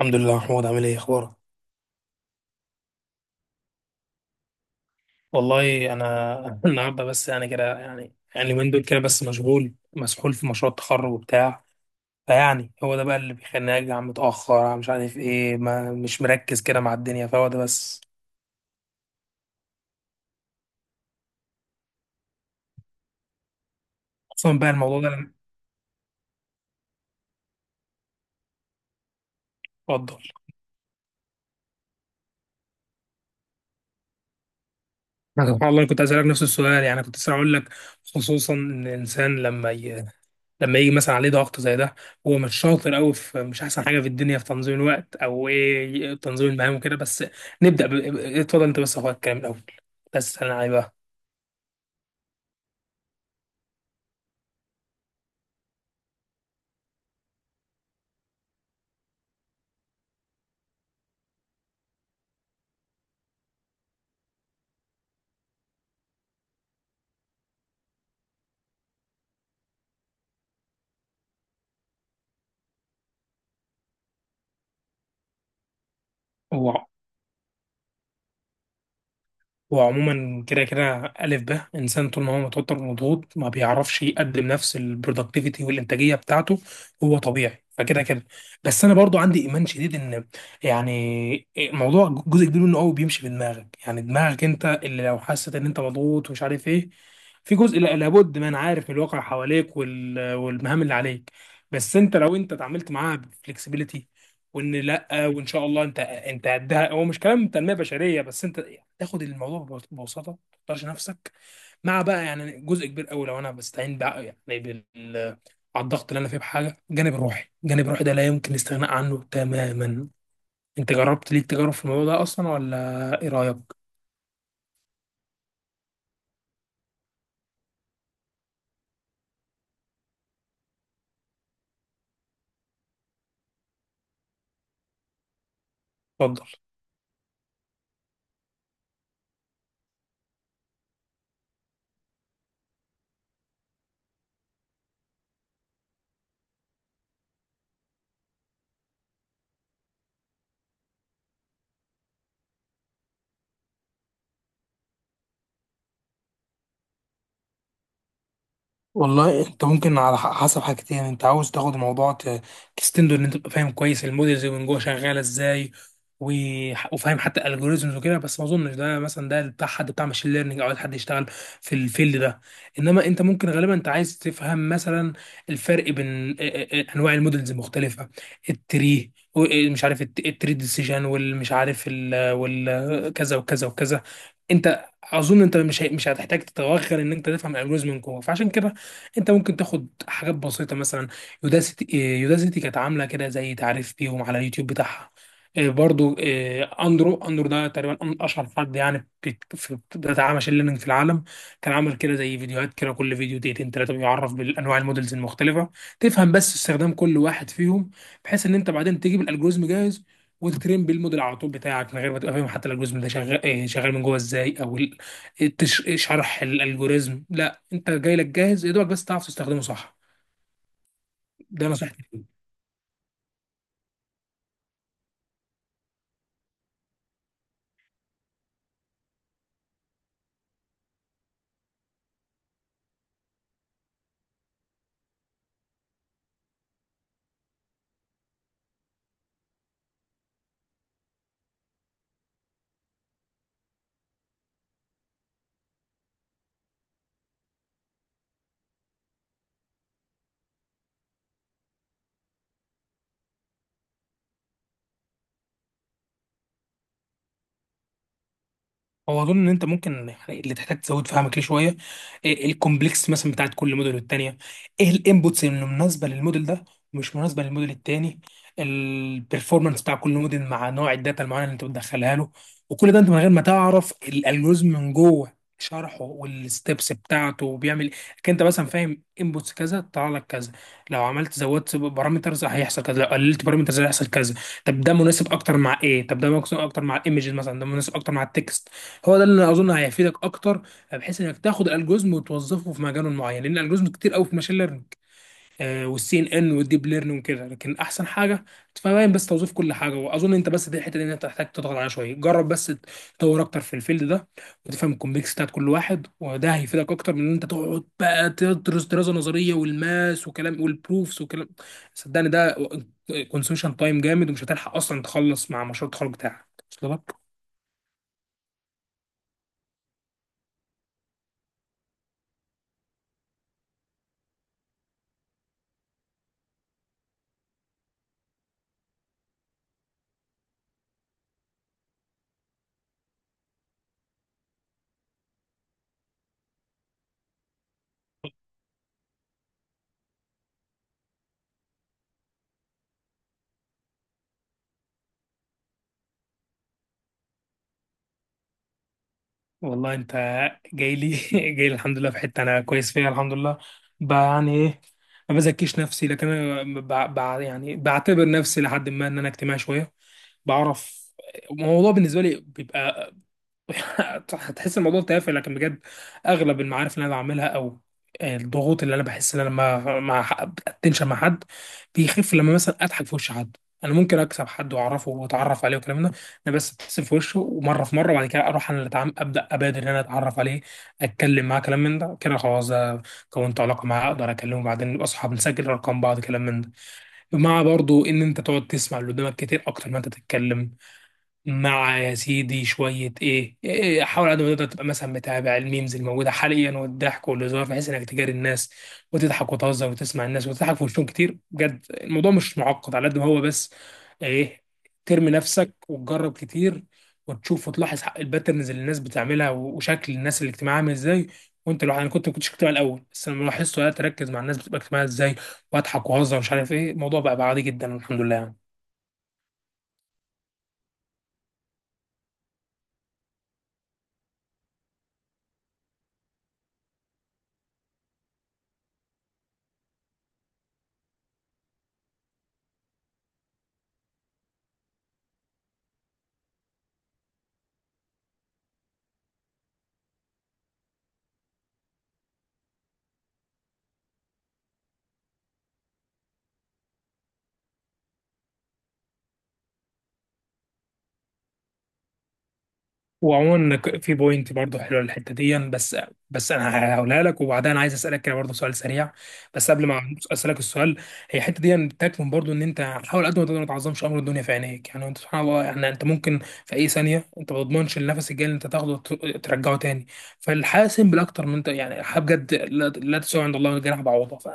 الحمد لله. محمود، عامل ايه اخبارك؟ والله انا النهارده بس، يعني كده يعني يعني من دول كده، بس مشغول مسحول في مشروع التخرج وبتاع. فيعني هو ده بقى اللي بيخليني ارجع متاخر، مش عارف ايه، ما مش مركز كده مع الدنيا، فهو ده بس. خصوصا بقى الموضوع ده اتفضل. أنا سبحان الله أنا كنت اسالك نفس السؤال، يعني كنت لسه هقول لك، خصوصا ان الانسان لما لما يجي مثلا عليه ضغط زي ده، هو مش شاطر قوي في، مش احسن حاجه في الدنيا في تنظيم الوقت او ايه تنظيم المهام وكده، بس نبدا اتفضل انت بس يا اخويا الكلام الاول، بس انا عايز بقى. هو عموما كده كده ألف ب إنسان طول ما هو متوتر ومضغوط ما بيعرفش يقدم نفس البرودكتيفيتي والإنتاجية بتاعته. هو طبيعي فكده كده. بس أنا برضو عندي إيمان شديد إن يعني موضوع جزء كبير منه قوي بيمشي بدماغك، يعني دماغك أنت اللي لو حست إن أنت مضغوط ومش عارف إيه. في جزء لابد ما أنا عارف من الواقع حواليك وال- والمهام اللي عليك، بس أنت لو أنت اتعاملت معاها بفلكسبيليتي وإن لا، وان شاء الله انت ده، هو مش كلام تنميه بشريه، بس انت تاخد الموضوع ببساطه ما تختارش نفسك. مع بقى يعني جزء كبير قوي لو انا بستعين بقى يعني على الضغط اللي انا فيه بحاجه، الجانب الروحي، الجانب الروحي ده لا يمكن الاستغناء عنه تماما. انت جربت ليك تجارب في الموضوع ده اصلا ولا ايه رايك؟ اتفضل. والله انت ممكن على حسب حاجتين، انت عاوز تاخد الموضوع تستنده ان انت تبقى فاهم كويس المودلز من جوه شغاله ازاي، وفاهم حتى الالجوريزمز وكده، بس ما اظنش ده، مثلا ده بتاع حد بتاع ماشين ليرنينج او عايز حد يشتغل في الفيلد ده. انما انت ممكن غالبا انت عايز تفهم مثلا الفرق بين انواع المودلز المختلفه، التري إيه، مش عارف التري ديسيجن والمش عارف والكذا وكذا وكذا. انت اظن انت مش هتحتاج تتوغل ان انت تفهم الالجوريزم من جوه، فعشان كده انت ممكن تاخد حاجات بسيطه مثلا يوداسيتي، إيه، يوداسيتي كانت عامله كده زي تعريف بيهم على اليوتيوب بتاعها. إيه، برضو إيه، اندرو، اندرو ده تقريبا اشهر حد يعني في بتاع ماشين ليرنينج في العالم، كان عامل كده زي فيديوهات كده كل فيديو دقيقتين ثلاثه، بيعرف بالانواع المودلز المختلفه، تفهم بس استخدام كل واحد فيهم، بحيث ان انت بعدين تجيب الالجوريزم جاهز وتترين بالموديل على طول بتاعك من غير ما تبقى فاهم حتى الالجوريزم ده شغال إيه، شغال من جوه ازاي، او شرح الالجوريزم، لا، انت جاي لك جاهز يا دوبك بس تعرف تستخدمه صح. ده نصيحتي. هو اظن ان انت ممكن يعني اللي تحتاج تزود فهمك ليه شويه إيه الكومبلكس مثلا بتاعت كل موديل، والتانيه ايه الانبوتس اللي مناسبه للموديل ده ومش مناسبه للموديل التاني، البرفورمانس بتاع كل موديل مع نوع الداتا المعينه اللي انت بتدخلها له. وكل ده انت من غير ما تعرف الالجوريزم من جوه شرحه والستبس بتاعته وبيعمل، كان انت مثلا فاهم انبوتس كذا طلع لك كذا، لو عملت زودت بارامترز هيحصل كذا، لو قللت بارامترز هيحصل كذا. طب ده مناسب اكتر مع ايه؟ طب ده مناسب اكتر مع الايمجز، مثلا ده مناسب اكتر مع التكست. هو ده اللي اظن هيفيدك اكتر، بحيث انك تاخد الالجوريزم وتوظفه في مجال معين، لان الالجوريزم كتير قوي في ماشين ليرنينج والسي ان ان والديب ليرنينج وكده، لكن احسن حاجه تفهم بس توظيف كل حاجه، واظن انت بس دي الحته اللي انت محتاج تضغط عليها شويه. جرب بس تدور اكتر في الفيلد ده وتفهم الكومبلكس بتاعت كل واحد، وده هيفيدك اكتر من ان انت تقعد بقى تدرس دراسه نظريه والماس وكلام والبروفس وكلام. صدقني ده كونسيوشن تايم جامد، ومش هتلحق اصلا تخلص مع مشروع التخرج بتاعك. وصل لك؟ والله انت جاي لي جاي لي، الحمد لله في حته انا كويس فيها الحمد لله، يعني ايه، ما بزكيش نفسي لكن انا يعني بعتبر نفسي لحد ما ان انا اجتماعي شويه. بعرف الموضوع بالنسبه لي بيبقى صح، هتحس الموضوع تافه لكن بجد، اغلب المعارف اللي انا بعملها او الضغوط اللي انا بحس ان انا ما اتنشن مع حد، بيخف لما مثلا اضحك في وش حد. انا ممكن اكسب حد واعرفه واتعرف عليه والكلام ده انا بس ابتسم في وشه، ومره في مره وبعد كده اروح انا اللي ابدا ابادر ان انا اتعرف عليه، اتكلم معاه كلام من ده كده، خلاص ده كونت علاقه معاه، اقدر اكلمه بعدين نبقى اصحاب، نسجل ارقام بعض كلام من ده. مع برضو ان انت تقعد تسمع اللي قدامك كتير اكتر ما انت تتكلم. مع يا سيدي شوية إيه، حاول على قد ما تقدر تبقى مثلا متابع الميمز الموجودة حاليا والضحك والهزار، بحيث إنك تجاري الناس وتضحك وتهزر وتسمع الناس وتضحك في وشهم كتير. بجد الموضوع مش معقد على قد ما هو، بس إيه، ترمي نفسك وتجرب كتير، وتشوف وتلاحظ الباترنز اللي الناس بتعملها وشكل الناس الاجتماعية عامل إزاي. وأنت لوحدك، أنا كنت ما كنتش اجتماعي الأول، بس لما لاحظت وقعدت أركز مع الناس بتبقى اجتماعية إزاي، وأضحك وأهزر ومش عارف إيه، الموضوع بقى عادي جدا الحمد لله يعني. وعموما إنك في بوينت برضه حلوه الحته دي، بس بس انا هقولها لك وبعدها انا عايز اسالك كده برضه سؤال سريع. بس قبل ما اسالك السؤال، هي الحته دي بتكمن برضه ان انت حاول قد ما تقدر ما تعظمش امر الدنيا في عينيك. يعني انت سبحان الله، يعني انت ممكن في اي ثانيه انت ما تضمنش النفس الجاي اللي انت تاخده ترجعه تاني، فالحاسم بالاكتر من انت يعني الحياة بجد لا تساوي عند الله جناح بعوضه،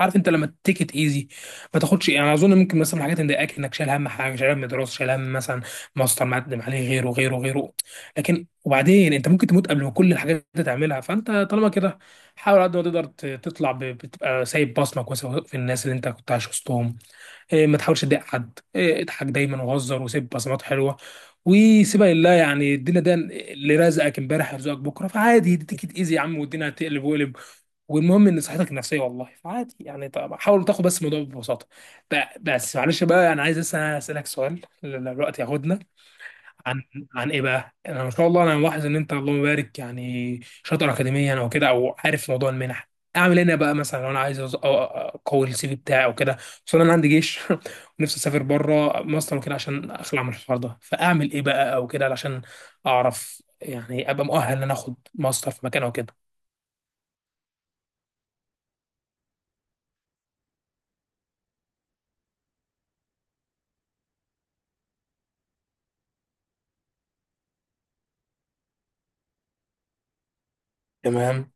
عارف انت لما تيك ات ايزي، ما تاخدش، يعني اظن ممكن مثلا حاجات مضايقاك انك شايل هم حاجه، شايل هم دراسه، شايل هم مثلا ماستر مقدم عليه، غيره، لكن وبعدين انت ممكن تموت قبل ما كل الحاجات دي تعملها، فانت طالما كده حاول على قد ما تقدر تطلع بتبقى سايب بصمك في الناس اللي انت كنت عايش وسطهم، إيه، ما تحاولش تضايق حد، إيه، اضحك دايما وهزر وسيب بصمات حلوه، وسيبها لله. يعني الدنيا ده اللي رزقك امبارح يرزقك بكره، فعادي دي تيجي تاذي يا عم، والدنيا هتقلب وقلب، والمهم ان صحتك النفسيه والله. فعادي يعني، طب حاول تاخد بس الموضوع ببساطه. ب- بس معلش بقى انا عايز لسه اسالك سؤال، الوقت ياخدنا. عن عن ايه بقى؟ يعني انا ما شاء الله انا ملاحظ ان انت اللهم بارك يعني شاطر اكاديميا او كده، او عارف موضوع المنح، اعمل هنا بقى مثلا لو انا عايز اقوي السي في بتاعي او كده، خصوصا انا عندي جيش ونفسي اسافر بره مصر وكده عشان اخلع من الحوار ده، فاعمل ايه بقى او كده علشان اعرف يعني ابقى مؤهل ان انا اخد ماستر في مكان او كده. تمام.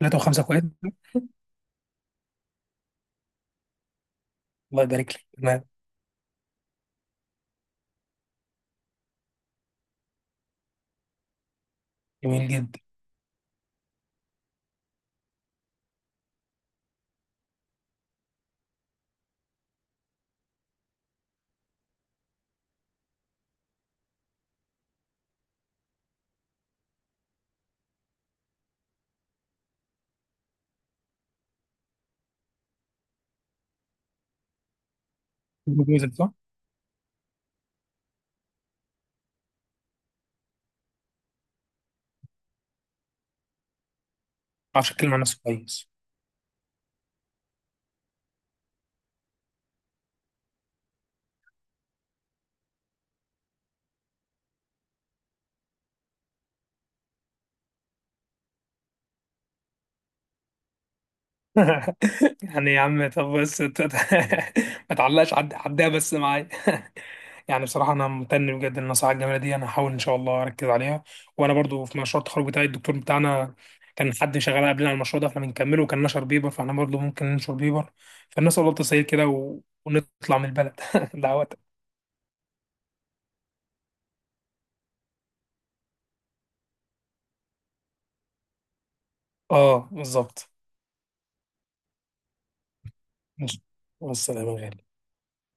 3.5 كويس؟ الله يبارك لك، تمام. جميل جدا. جوزك صح؟ عشان كلمة عن نفسه كويس. يعني يا عم طب بس ما تعلقش عدها بس معايا. يعني بصراحة أنا ممتن بجد للنصائح الجميلة دي، أنا هحاول إن شاء الله أركز عليها. وأنا برضو في مشروع التخرج بتاعي الدكتور بتاعنا كان حد شغال قبلنا على المشروع ده فإحنا بنكمله، وكان نشر بيبر فإحنا برضو ممكن ننشر بيبر. فالناس والله تسير كده ونطلع من البلد دعوات. آه بالظبط. ماشي، والسلام يا غالي.